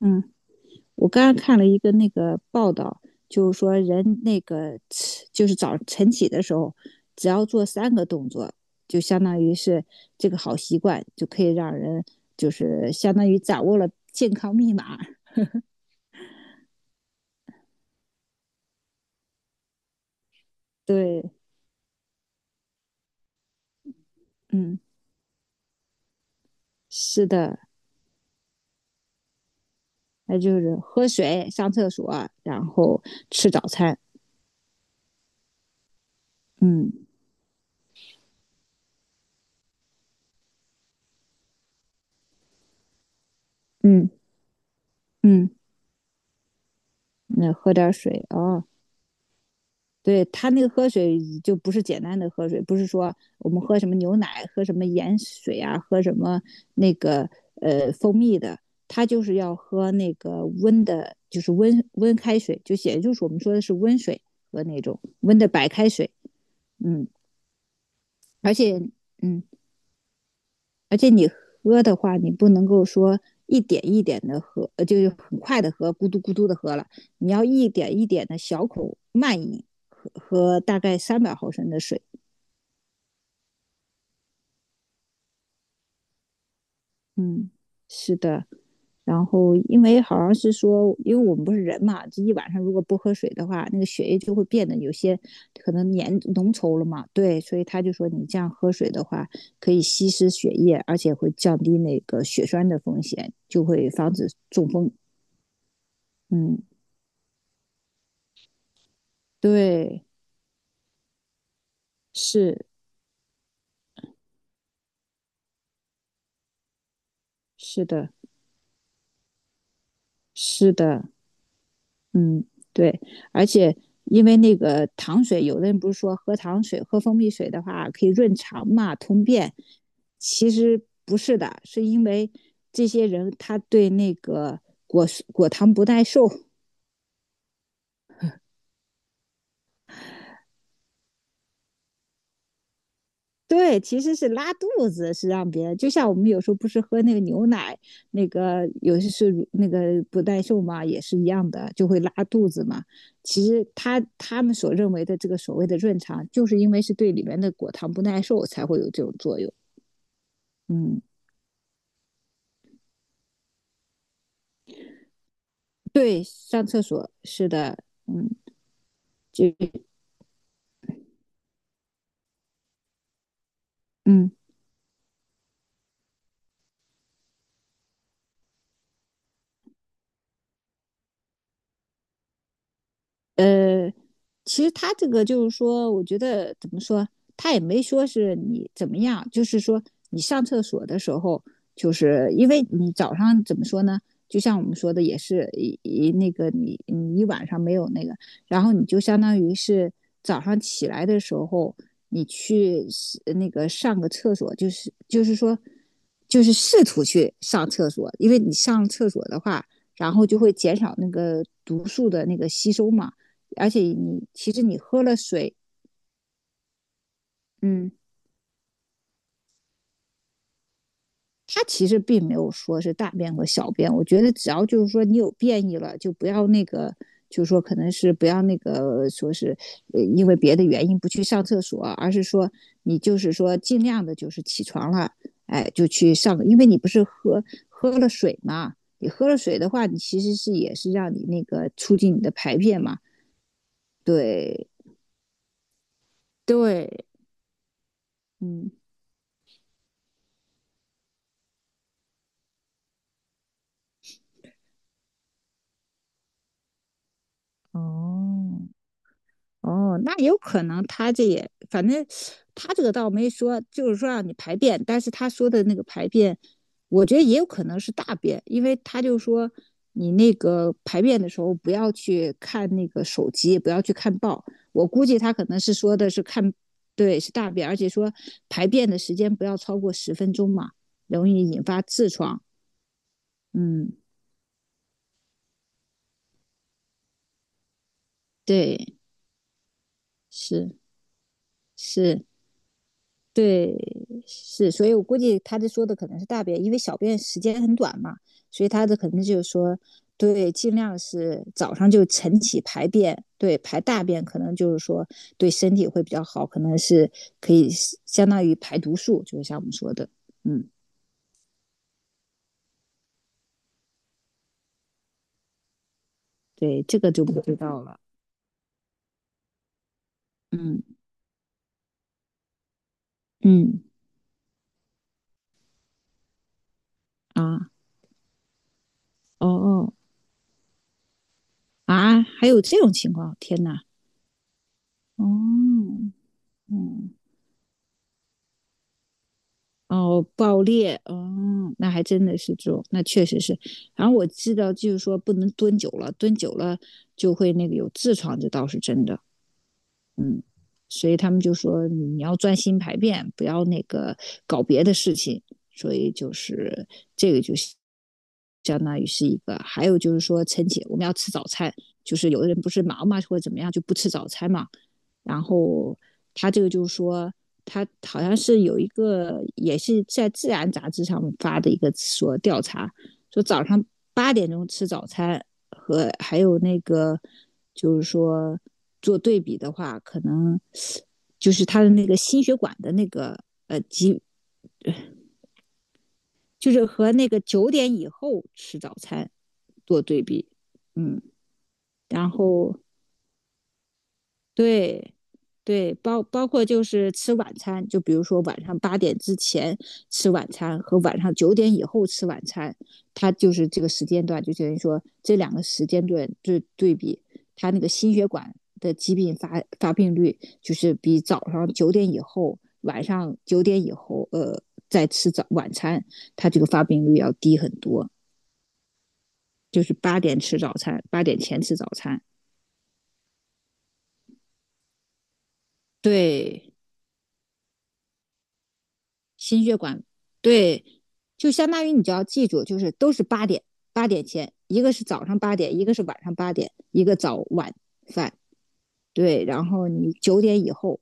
嗯，我刚刚看了一个那个报道，就是说人那个起就是早晨起的时候，只要做三个动作，就相当于是这个好习惯，就可以让人就是相当于掌握了健康密码。对，嗯，是的，那就是喝水、上厕所，然后吃早餐。嗯嗯嗯，那喝点水啊，哦对它那个喝水就不是简单的喝水，不是说我们喝什么牛奶、喝什么盐水啊、喝什么那个蜂蜜的，它就是要喝那个温的，就是温温开水，就也就是我们说的是温水和那种温的白开水。嗯，而且嗯，而且你喝的话，你不能够说一点一点的喝，就是很快的喝，咕嘟咕嘟的喝了，你要一点一点的小口慢饮，喝大概300毫升的水。嗯，是的。然后因为好像是说，因为我们不是人嘛，这一晚上如果不喝水的话，那个血液就会变得有些可能粘浓稠了嘛。对，所以他就说你这样喝水的话，可以稀释血液，而且会降低那个血栓的风险，就会防止中风。嗯，对，是是的，是的。嗯，对，而且因为那个糖水，有的人不是说喝糖水、喝蜂蜜水的话可以润肠嘛、通便，其实不是的，是因为这些人他对那个果果糖不耐受，对，其实是拉肚子，是让别人，就像我们有时候不是喝那个牛奶，那个有些是乳那个不耐受嘛，也是一样的，就会拉肚子嘛。其实他们所认为的这个所谓的润肠，就是因为是对里面的果糖不耐受才会有这种作用。嗯，对，上厕所是的，就嗯呃。其实他这个就是说，我觉得怎么说，他也没说是你怎么样，就是说你上厕所的时候，就是因为你早上怎么说呢？就像我们说的，也是那个你一晚上没有那个，然后你就相当于是早上起来的时候，你去那个上个厕所，就是说，就是试图去上厕所，因为你上厕所的话，然后就会减少那个毒素的那个吸收嘛。而且你其实你喝了水，嗯，它其实并没有说是大便和小便。我觉得只要就是说你有便意了，就不要那个，就是说可能是不要那个说是因为别的原因不去上厕所，而是说你就是说尽量的就是起床了，哎，就去上因为你不是喝了水嘛，你喝了水的话，你其实是也是让你那个促进你的排便嘛，对对，嗯。哦，哦，那有可能他这也，反正他这个倒没说，就是说让你排便，但是他说的那个排便，我觉得也有可能是大便，因为他就说你那个排便的时候不要去看那个手机，不要去看报。我估计他可能是说的是看，对，是大便，而且说排便的时间不要超过10分钟嘛，容易引发痔疮。嗯，对，是是，对，是，所以我估计他这说的可能是大便，因为小便时间很短嘛，所以他的可能就是说，对，尽量是早上就晨起排便，对，排大便可能就是说对身体会比较好，可能是可以相当于排毒素，就是像我们说的，嗯，对，这个就不知道了，嗯嗯啊，哦哦啊，还有这种情况，天呐，哦，嗯，哦，爆裂，哦，那还真的是这种，那确实是。然后我知道，就是说不能蹲久了，蹲久了就会那个有痔疮，这倒是真的。嗯，所以他们就说你要专心排便，不要那个搞别的事情。所以就是这个就相当于是一个，还有就是说晨起我们要吃早餐，就是有的人不是忙嘛或者怎么样就不吃早餐嘛，然后他这个就是说。他好像是有一个，也是在《自然》杂志上发的一个说调查，就早上8点钟吃早餐和还有那个，就是说做对比的话，可能就是他的那个心血管的那个疾，就是和那个九点以后吃早餐做对比，嗯，然后对，对，包括就是吃晚餐，就比如说晚上8点之前吃晚餐和晚上九点以后吃晚餐，它就是这个时间段，就等于说这两个时间段对比，它那个心血管的疾病发病率就是比早上九点以后、晚上九点以后，再吃早晚餐，它这个发病率要低很多。就是8点吃早餐，8点前吃早餐。对，心血管对，就相当于你就要记住，就是都是八点前，一个是早上八点，一个是晚上八点，一个早晚饭。对，然后你九点以后，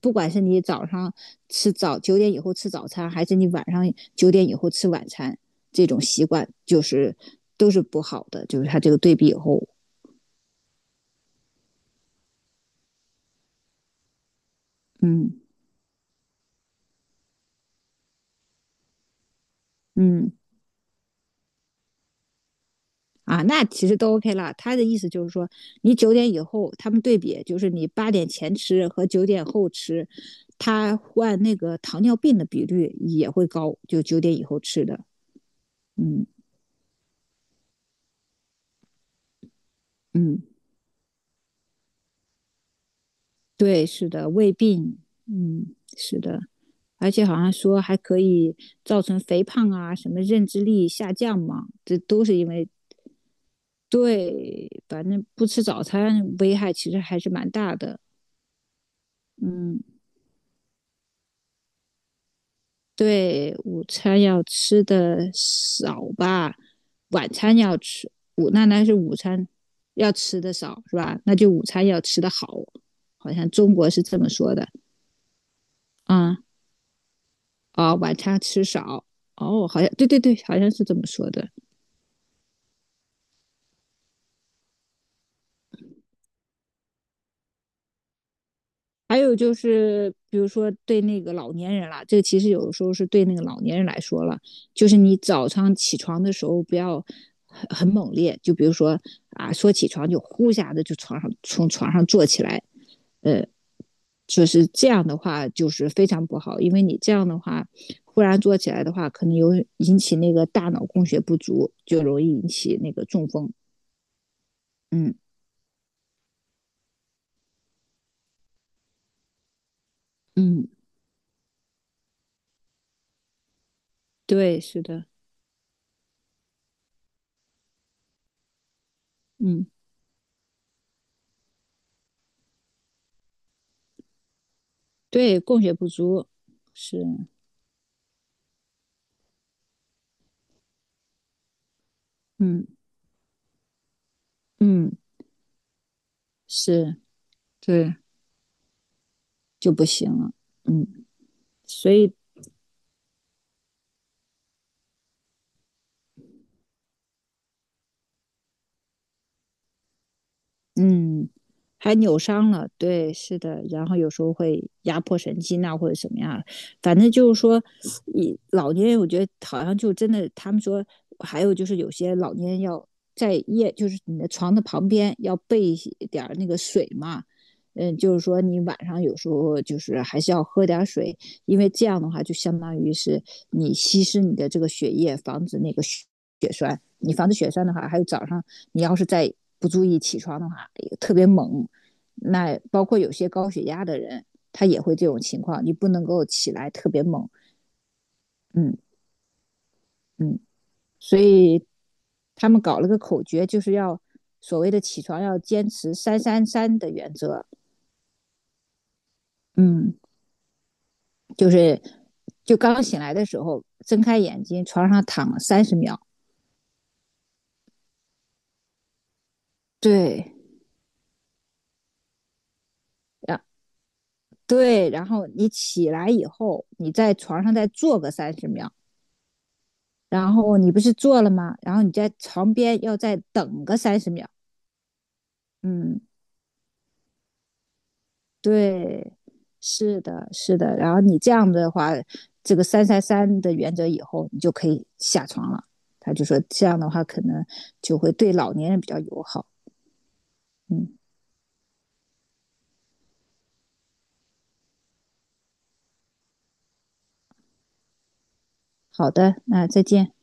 不管是你早上九点以后吃早餐，还是你晚上九点以后吃晚餐，这种习惯就是都是不好的，就是它这个对比以后，嗯嗯。啊，那其实都 OK 了。他的意思就是说，你九点以后，他们对比就是你8点前吃和9点后吃，他患那个糖尿病的比率也会高，就九点以后吃的。嗯嗯，对，是的，胃病，嗯，是的，而且好像说还可以造成肥胖啊，什么认知力下降嘛，这都是因为对，反正不吃早餐危害其实还是蛮大的。嗯。对，午餐要吃的少吧，晚餐要吃，那是午餐要吃的少是吧？那就午餐要吃的好，好像中国是这么说的啊啊、哦晚餐吃少哦，好像对对对，好像是这么说的。还有就是，比如说对那个老年人啦，这个其实有的时候是对那个老年人来说了，就是你早上起床的时候不要很猛烈，就比如说啊，说起床就呼下的就从床上坐起来，就是这样的话就是非常不好，因为你这样的话忽然坐起来的话，可能有引起那个大脑供血不足，就容易引起那个中风。嗯嗯，对，是的，嗯，对，供血不足是，嗯嗯。是，对，就不行了。嗯，所以嗯，还扭伤了，对，是的，然后有时候会压迫神经啊，或者什么样，反正就是说，你老年人我觉得好像就真的，他们说还有就是有些老年人要在夜，就是你的床的旁边要备一些点儿那个水嘛，嗯，就是说你晚上有时候就是还是要喝点儿水，因为这样的话就相当于是你稀释你的这个血液，防止那个血栓。你防止血栓的话，还有早上你要是再不注意起床的话，也特别猛。那包括有些高血压的人，他也会这种情况，你不能够起来特别猛。嗯嗯，所以他们搞了个口诀，就是要所谓的起床要坚持三三三的原则。嗯，就是就刚醒来的时候，睁开眼睛，床上躺了三十秒。对，啊、对，然后你起来以后，你在床上再坐个三十秒。然后你不是做了吗？然后你在床边要再等个三十秒。嗯，对，是的，是的。然后你这样的话，这个三三三的原则以后，你就可以下床了。他就说这样的话，可能就会对老年人比较友好。嗯，好的，那再见。